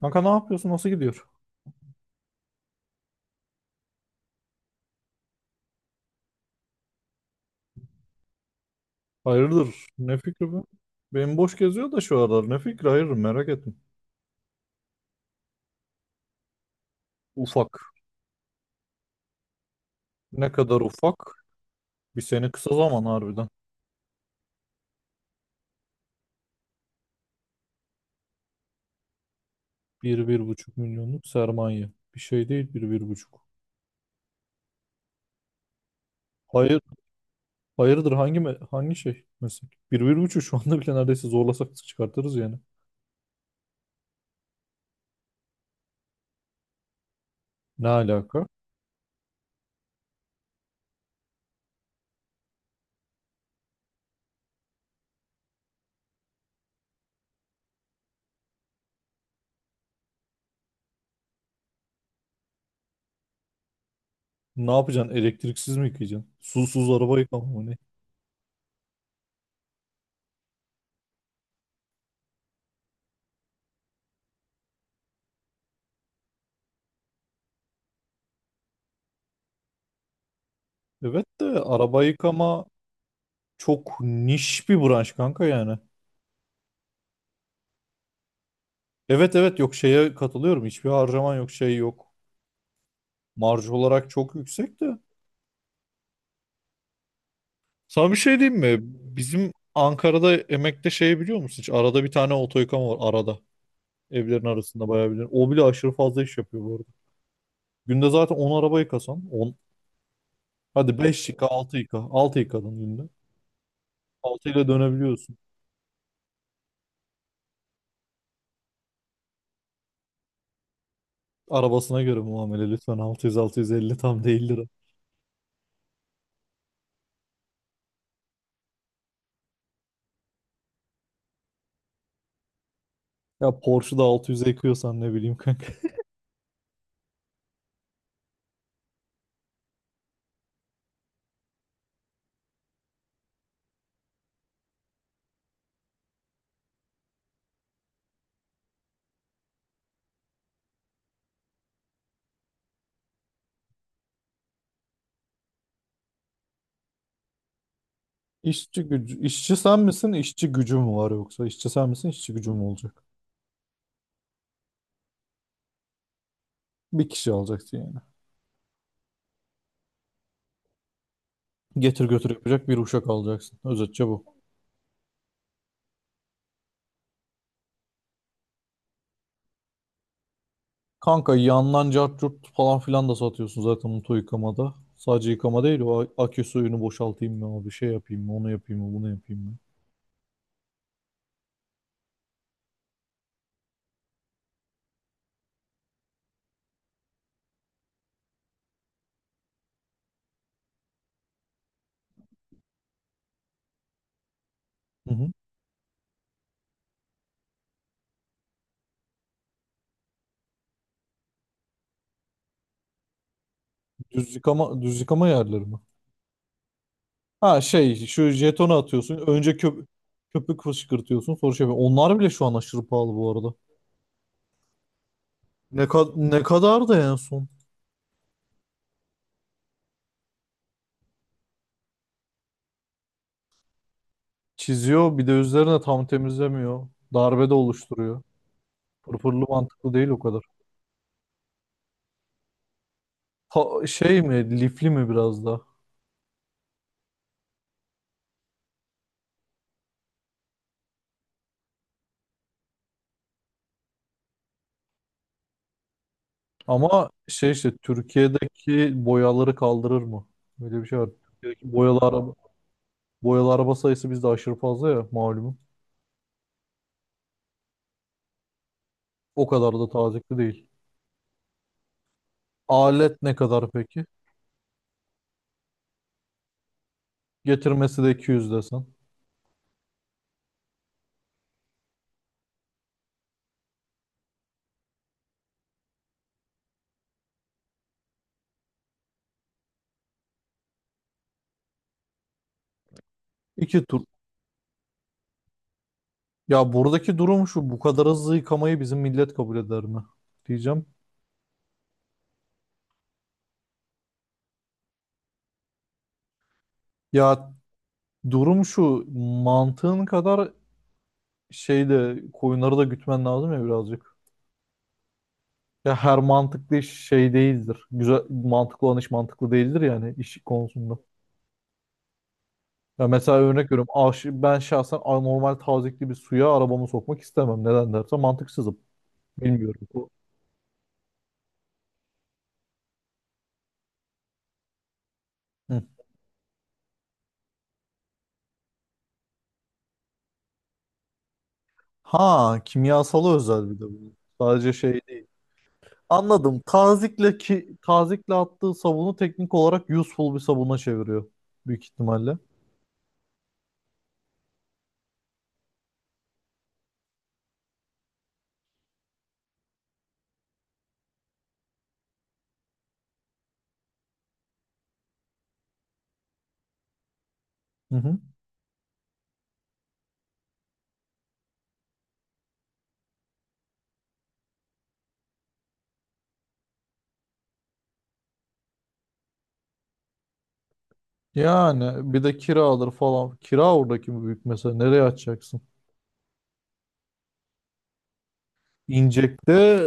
Kanka ne yapıyorsun? Nasıl gidiyor? Hayırdır? Ne fikri bu? Benim boş geziyor da şu aralar. Ne fikri? Hayırdır merak ettim. Ufak. Ne kadar ufak? Bir sene kısa zaman harbiden. Bir, 1,5 milyonluk sermaye. Bir şey değil bir, bir buçuk. Hayır, hayırdır hangi şey meslek? Bir, bir buçuk şu anda bile neredeyse zorlasak çıkartırız yani. Ne alaka? Ne yapacaksın? Elektriksiz mi yıkayacaksın? Susuz araba yıkama mı ne? Evet de araba yıkama çok niş bir branş kanka yani. Evet, evet, yok, şeye katılıyorum. Hiçbir harcaman yok, şey yok. Marj olarak çok yüksek de. Sana bir şey diyeyim mi? Bizim Ankara'da emekte şey biliyor musun? Hiç arada bir tane oto yıkama var arada. Evlerin arasında bayağı bir. O bile aşırı fazla iş yapıyor bu arada. Günde zaten 10 araba yıkasan on. Hadi beş yıka, altı yıka. Altı yıkadın günde. Altı ile dönebiliyorsun. Arabasına göre muamele lütfen, altı 600, 650 tam değildir. Ya Porsche'da 600'e yıkıyorsan ne bileyim kanka. İşçi gücü, işçi sen misin, işçi gücü mü var yoksa? İşçi sen misin, işçi gücü mü olacak? Bir kişi alacaksın yani. Getir götür yapacak bir uşak alacaksın. Özetçe bu. Kanka yandan cart curt falan filan da satıyorsun zaten mutlu yıkamada. Sadece yıkama değil akü suyunu boşaltayım mı abi, şey yapayım mı, onu yapayım mı, bunu yapayım mı? Hı hı. Düz yıkama, düz yıkama yerleri mi? Ha şey, şu jetonu atıyorsun önce, köpük fışkırtıyorsun, sonra şey yapıyorsun. Onlar bile şu an aşırı pahalı bu arada. Ne kadar da en son? Çiziyor, bir de üzerine tam temizlemiyor. Darbe de oluşturuyor. Pırpırlı mantıklı değil o kadar. Şey mi, lifli mi biraz da? Ama şey işte, Türkiye'deki boyaları kaldırır mı? Böyle bir şey var. Türkiye'deki boyalı araba, boyalı araba sayısı bizde aşırı fazla ya malum. O kadar da tazikli değil. Alet ne kadar peki? Getirmesi de 200 desen. İki tur. Ya buradaki durum şu, bu kadar hızlı yıkamayı bizim millet kabul eder mi? Diyeceğim. Ya durum şu, mantığın kadar şey de, koyunları da gütmen lazım ya birazcık. Ya her mantıklı iş şey değildir. Güzel mantıklı olan iş mantıklı değildir yani iş konusunda. Ya mesela örnek veriyorum. Ben şahsen normal tazyikli bir suya arabamı sokmak istemem. Neden derse, mantıksızım. Bilmiyorum. Bu- Hı. Ha, kimyasalı özel bir de bu. Sadece şey değil. Anladım. Tazikle ki, tazikle attığı sabunu teknik olarak useful bir sabuna çeviriyor büyük ihtimalle. Hı hı. Yani bir de kira falan. Kira oradaki mi büyük mesela. Nereye açacaksın? İncek'te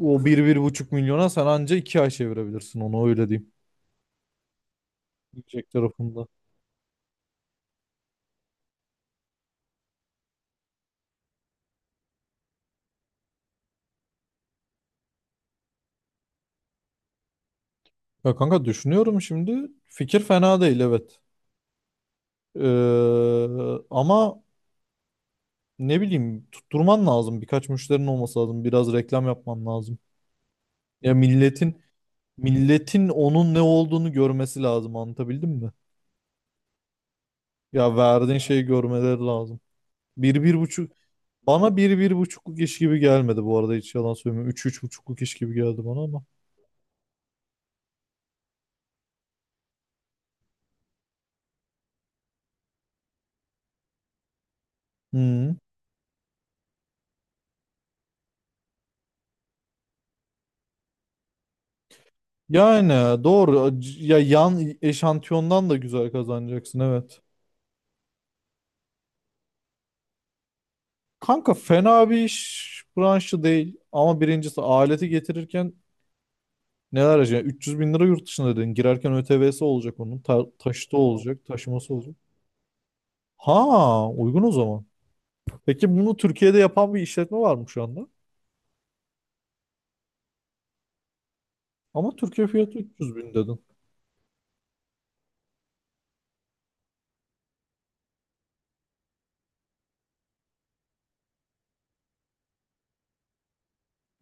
o bir 1,5 milyona sen anca 2 ay çevirebilirsin onu, öyle diyeyim. İncek tarafında. Ya kanka düşünüyorum şimdi. Fikir fena değil, evet. Ama ne bileyim, tutturman lazım. Birkaç müşterinin olması lazım. Biraz reklam yapman lazım. Ya milletin onun ne olduğunu görmesi lazım, anlatabildim mi? Ya verdiğin şeyi görmeleri lazım. Bir bir buçuk. Bana bir, bir buçukluk iş gibi gelmedi bu arada, hiç yalan söylemiyorum. Üç, üç buçukluk iş gibi geldi bana ama. Hı. Yani doğru. Ya yan eşantiyondan da güzel kazanacaksın, evet. Kanka fena bir iş branşı değil. Ama birincisi aleti getirirken neler harcayacaksın? 300 bin lira yurt dışına dedin. Girerken ÖTV'si olacak onun. Ta taşıtı olacak. Taşıması olacak. Ha, uygun o zaman. Peki bunu Türkiye'de yapan bir işletme var mı şu anda? Ama Türkiye fiyatı 300 bin dedin.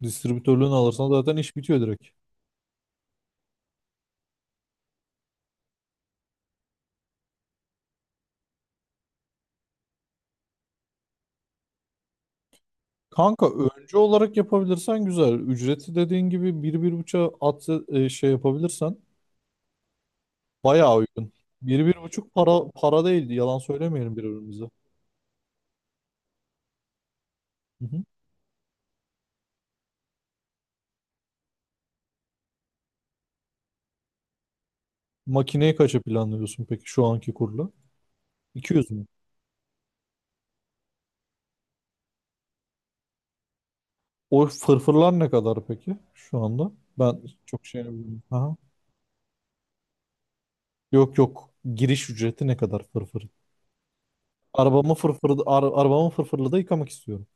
Distribütörlüğünü alırsan zaten iş bitiyor direkt. Kanka önce olarak yapabilirsen güzel. Ücreti dediğin gibi bir bir buçuğa at, şey yapabilirsen bayağı uygun. Bir bir buçuk para para değildi. Yalan söylemeyelim birbirimize. Hı hı. Makineyi kaça planlıyorsun peki şu anki kurla? İki yüz mü? O fırfırlar ne kadar peki şu anda? Ben çok şey bilmiyorum. Aha. Yok yok. Giriş ücreti ne kadar fırfır? Arabamı fırfırlı da yıkamak istiyorum.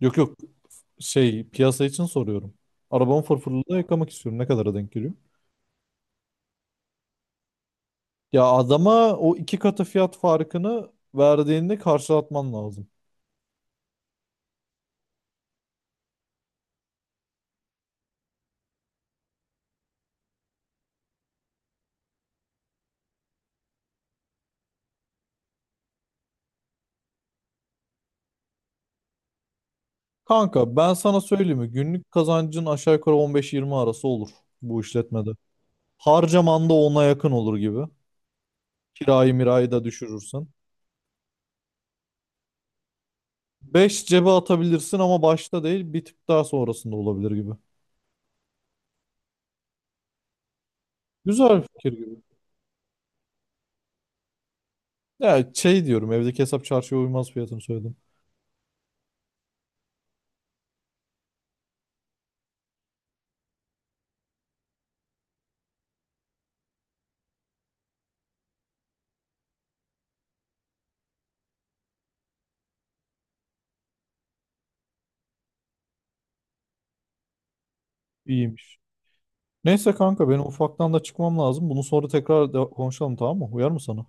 Yok yok. Şey, piyasa için soruyorum. Arabamı fırfırlı da yıkamak istiyorum. Ne kadara denk geliyor? Ya adama o iki katı fiyat farkını verdiğinde karşılatman lazım. Kanka ben sana söyleyeyim mi? Günlük kazancın aşağı yukarı 15-20 arası olur bu işletmede. Harcaman da ona yakın olur gibi. Kirayı mirayı da düşürürsen. 5 cebe atabilirsin ama başta değil, bir tık daha sonrasında olabilir gibi. Güzel bir fikir gibi. Ya şey diyorum, evdeki hesap çarşıya uymaz, fiyatını söyledim. İyiymiş. Neyse kanka, benim ufaktan da çıkmam lazım. Bunu sonra tekrar konuşalım, tamam mı? Uyar mı sana?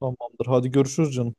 Tamamdır. Hadi görüşürüz canım.